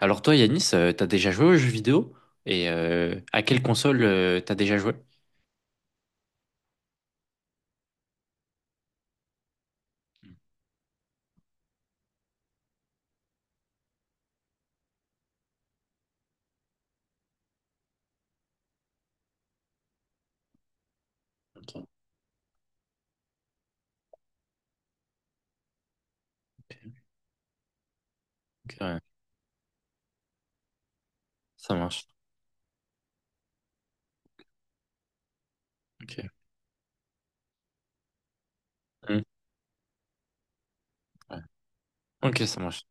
Alors toi, Yanis, t'as déjà joué aux jeux vidéo? Et à quelle console t'as déjà joué? Ok, ok, ok, ouais, ça marche. Ok, hmm, ouais. Ok, ça marche.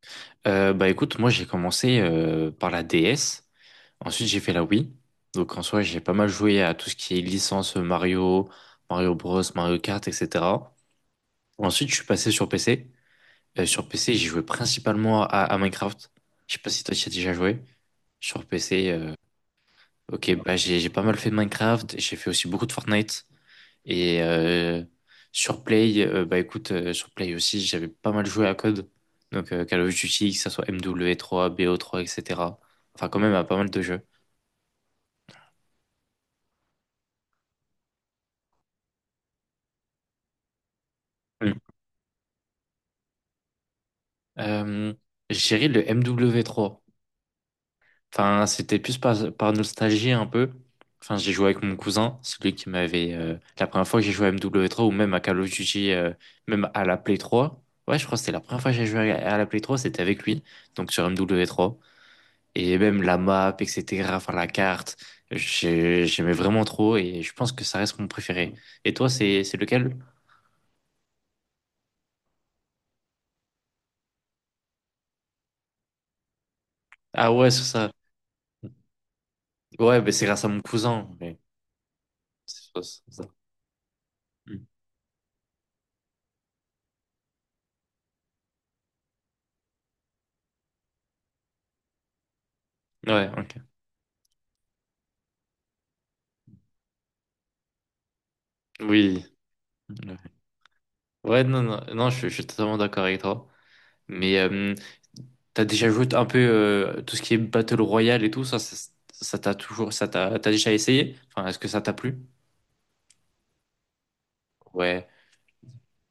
Bah écoute, moi j'ai commencé par la DS, ensuite j'ai fait la Wii. Donc en soi, j'ai pas mal joué à tout ce qui est licence Mario, Mario Bros, Mario Kart, etc. Ensuite, je suis passé sur PC. Sur PC, j'ai joué principalement à Minecraft. Je sais pas si toi tu as déjà joué sur PC. Ok, bah j'ai pas mal fait de Minecraft, j'ai fait aussi beaucoup de Fortnite et sur Play, bah écoute, sur Play aussi j'avais pas mal joué à Code, donc Call of Duty, que ça soit MW3, BO3, etc. Enfin quand même à pas mal de jeux. Mm. Euh, je dirais le MW3. Enfin, c'était plus par nostalgie un peu. Enfin, j'ai joué avec mon cousin, celui qui m'avait... la première fois que j'ai joué à MW3 ou même à Call of Duty, même à la Play 3. Ouais, je crois que c'était la première fois que j'ai joué à la Play 3, c'était avec lui, donc sur MW3. Et même la map, etc., enfin la carte, j'aimais vraiment trop et je pense que ça reste mon préféré. Et toi, c'est lequel? Ah ouais, c'est ça. Ouais, mais c'est grâce à mon cousin. Mais... c'est ça. C'est ça. Mm. Ouais, ok. Oui. Ouais. Ouais, non, non, non, je suis totalement d'accord avec toi. Mais t'as déjà joué un peu tout ce qui est Battle Royale et tout, ça t'a toujours, t'as déjà essayé? Enfin, est-ce que ça t'a plu? Ouais.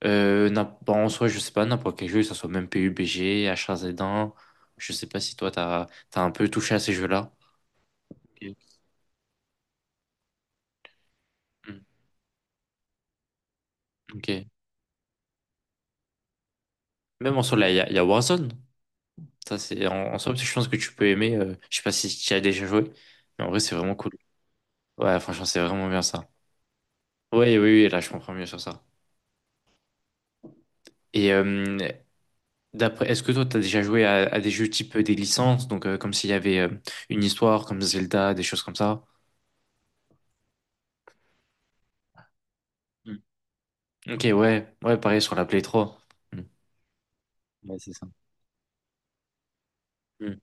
Bon, en soi, je sais pas, n'importe quel jeu, que ça soit même PUBG, H1Z1, je sais pas si toi, t'as un peu touché à ces jeux-là. Ok. Mm, ok. Même en soi, là, il y a Warzone. Ça, c'est, en soi, je pense que tu peux aimer. Je sais pas si tu y as déjà joué, mais en vrai, c'est vraiment cool. Ouais, franchement, c'est vraiment bien ça. Ouais, oui, oui, là, je comprends mieux sur ça. Et d'après, est-ce que toi, tu as déjà joué à des jeux type des licences, donc comme s'il y avait une histoire, comme Zelda, des choses comme ça? Mm. Ok, ouais, ouais, pareil sur la Play 3. Mm. Ouais, c'est ça. Mm.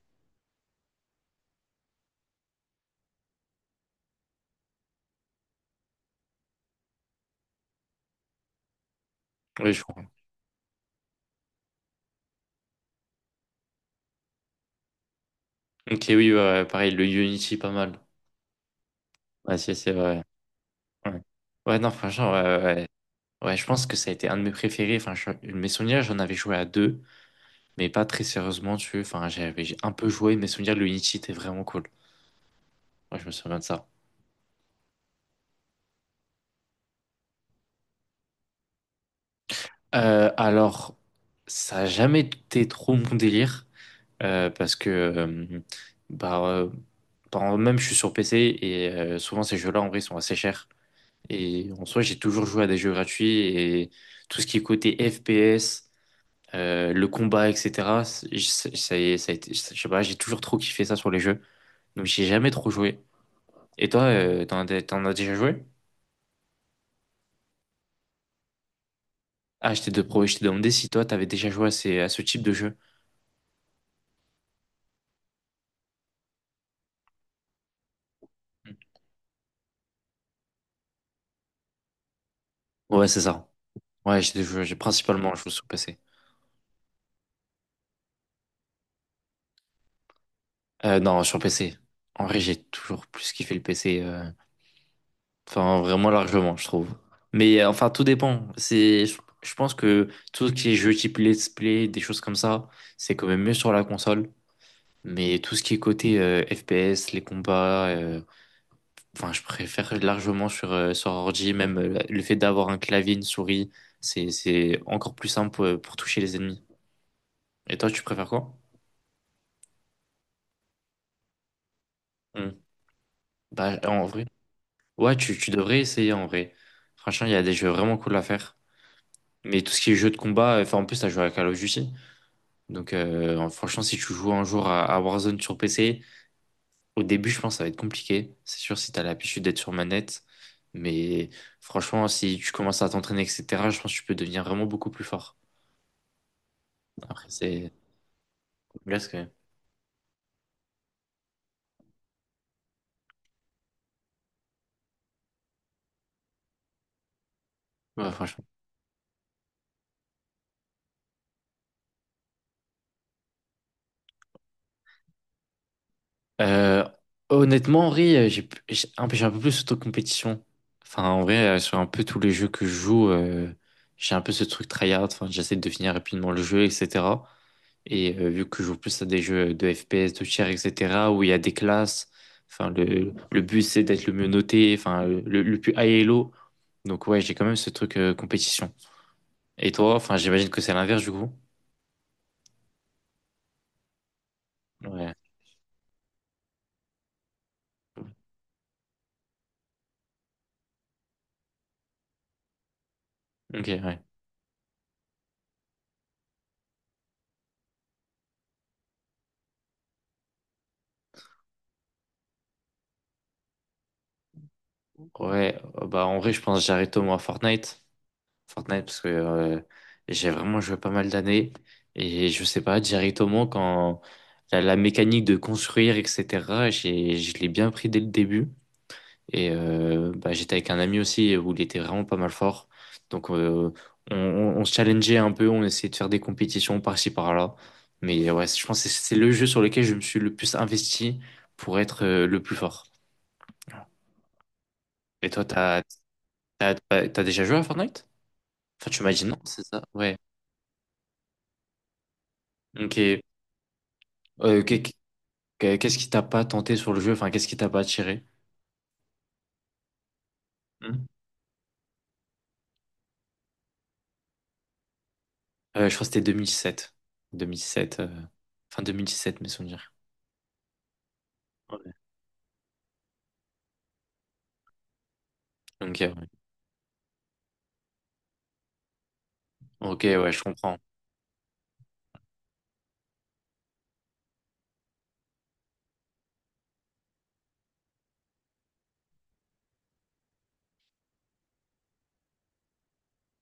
Oui, je crois. Ok, oui, ouais, ouais, pareil, le Unity, pas mal. Ouais, si, c'est vrai. Ouais. Ouais, non, franchement, ouais, ouais, ouais. Ouais, je pense que ça a été un de mes préférés. Enfin, mes souvenirs, j'en avais joué à deux, mais pas très sérieusement, tu vois. Enfin, j'ai un peu joué, mes souvenirs, le Unity était vraiment cool. Moi, je me souviens de ça. Alors, ça a jamais été trop mon délire parce que, bah, euh, même je suis sur PC et souvent ces jeux-là en vrai sont assez chers. Et en soi, j'ai toujours joué à des jeux gratuits et tout ce qui est côté FPS, le combat, etc. Ça a été, je sais pas, j'ai toujours trop kiffé ça sur les jeux. Donc, j'ai jamais trop joué. Et toi, t'en as déjà joué? Ah, je t'ai demandé si toi, t'avais déjà joué à, à ce type de jeu. Ouais, c'est ça. Ouais, j'ai principalement joué sur PC. Non, sur PC. En vrai, j'ai toujours plus kiffé le PC. Enfin vraiment largement, je trouve. Mais enfin, tout dépend. C'est, je pense que tout ce qui est jeu type let's play, des choses comme ça, c'est quand même mieux sur la console. Mais tout ce qui est côté FPS, les combats, enfin, je préfère largement sur, sur ordi. Même le fait d'avoir un clavier, une souris, c'est encore plus simple pour toucher les ennemis. Et toi, tu préfères quoi? Hmm. Bah, en vrai. Ouais, tu devrais essayer en vrai. Franchement, il y a des jeux vraiment cool à faire. Mais tout ce qui est jeu de combat, enfin en plus, t'as joué à Call of Duty. Donc franchement, si tu joues un jour à Warzone sur PC, au début, je pense que ça va être compliqué. C'est sûr si t'as l'habitude d'être sur manette. Mais franchement, si tu commences à t'entraîner, etc., je pense que tu peux devenir vraiment beaucoup plus fort. Après, c'est... Là, c'est- Ouais, franchement. Euh, honnêtement, Henri, j'ai un peu plus auto-compétition. Enfin, en vrai, sur un peu tous les jeux que je joue, j'ai un peu ce truc tryhard. Enfin, j'essaie de finir rapidement le jeu, etc. Et vu que je joue plus à des jeux de FPS, de tir, etc., où il y a des classes, enfin, le but c'est d'être le mieux noté, enfin, le plus high elo. Donc, ouais, j'ai quand même ce truc compétition. Et toi, enfin, j'imagine que c'est l'inverse du coup. Ouais, ok, ouais. Ouais, bah en vrai, je pense que j'arrête au moins Fortnite. Fortnite parce que j'ai vraiment joué pas mal d'années et je sais pas directement quand la mécanique de construire etc j'ai je l'ai bien pris dès le début et bah, j'étais avec un ami aussi où il était vraiment pas mal fort donc on se challengeait un peu, on essayait de faire des compétitions par-ci par-là, mais ouais je pense que c'est le jeu sur lequel je me suis le plus investi pour être le plus fort. Et toi, t'as déjà joué à Fortnite? Enfin tu m'as dit non, c'est ça, ouais, ok. Euh, qu'est- Qu'est-ce qui t'a pas tenté sur le jeu? Enfin, qu'est-ce qui t'a pas attiré? Hmm. Je crois que c'était 2007. 2007, fin 2017, mes souvenirs. Ouais. Ok, ouais. Ok, ouais, je comprends.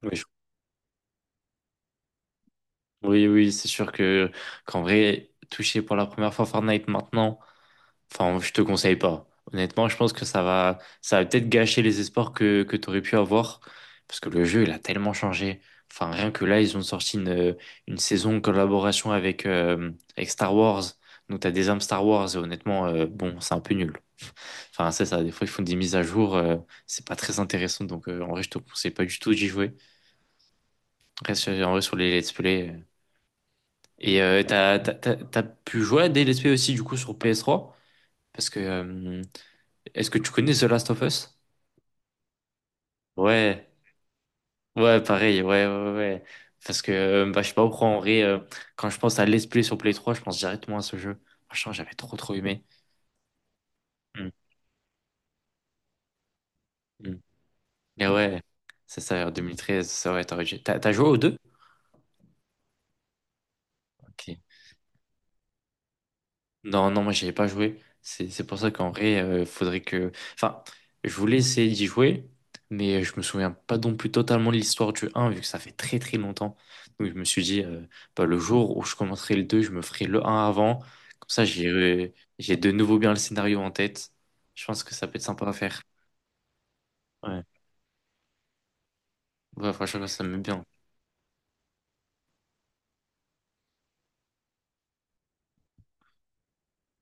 Oui, je- oui, oui, c'est sûr que qu'en vrai, toucher pour la première fois Fortnite maintenant. Enfin, je te conseille pas. Honnêtement, je pense que ça va peut-être gâcher les espoirs que tu aurais pu avoir. Parce que le jeu, il a tellement changé. Enfin, rien que là, ils ont sorti une saison en collaboration avec, avec Star Wars. Donc, tu as des armes Star Wars. Et honnêtement, bon, c'est un peu nul. Enfin, c'est ça. Des fois, ils font des mises à jour. C'est pas très intéressant. Donc, en vrai, je te conseille pas du tout d'y jouer. En vrai sur les let's play. T'as pu jouer à des let's play aussi, du coup, sur PS3. Parce que est-ce que tu connais The Last of Us? Ouais, ouais, pareil, ouais, ouais, ouais. Ouais. Parce que, je sais pas pourquoi, en vrai, quand je pense à Let's Play sur Play 3, je pense directement à ce jeu. Franchement, j'avais trop, trop aimé. Mm, mm. Et ouais, en 2013, ça, ouais, t'aurais dû- T'as t'as joué aux deux? Ok. Non, non, moi j'y ai pas joué. C'est pour ça qu'en vrai, faudrait que. Enfin, je voulais essayer d'y jouer, mais je me souviens pas non plus totalement de l'histoire du un vu que ça fait très très longtemps. Donc je me suis dit, bah, le jour où je commencerai le 2, je me ferai le un avant. Comme ça, j'ai de nouveau bien le scénario en tête. Je pense que ça peut être sympa à faire. Ouais, ouais franchement, ça me met bien.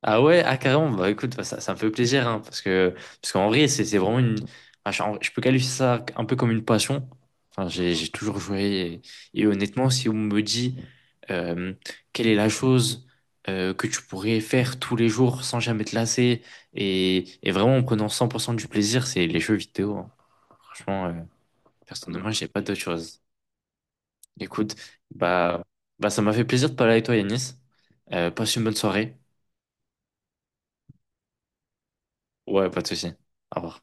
Ah ouais, ah carrément, bah écoute, bah, ça me fait plaisir, hein, parce que, parce qu'en vrai, c'est vraiment une. Ah, je peux qualifier ça un peu comme une passion. Enfin, j'ai toujours joué. Et honnêtement, si on me dit euh, quelle est la chose que tu pourrais faire tous les jours sans jamais te lasser et vraiment en prenant 100% du plaisir, c'est les jeux vidéo, hein. Franchement, personnellement, j'ai pas d'autre chose. Écoute, bah, bah ça m'a fait plaisir de parler avec toi, Yanis. Passe une bonne soirée. Ouais, pas de souci. Au revoir.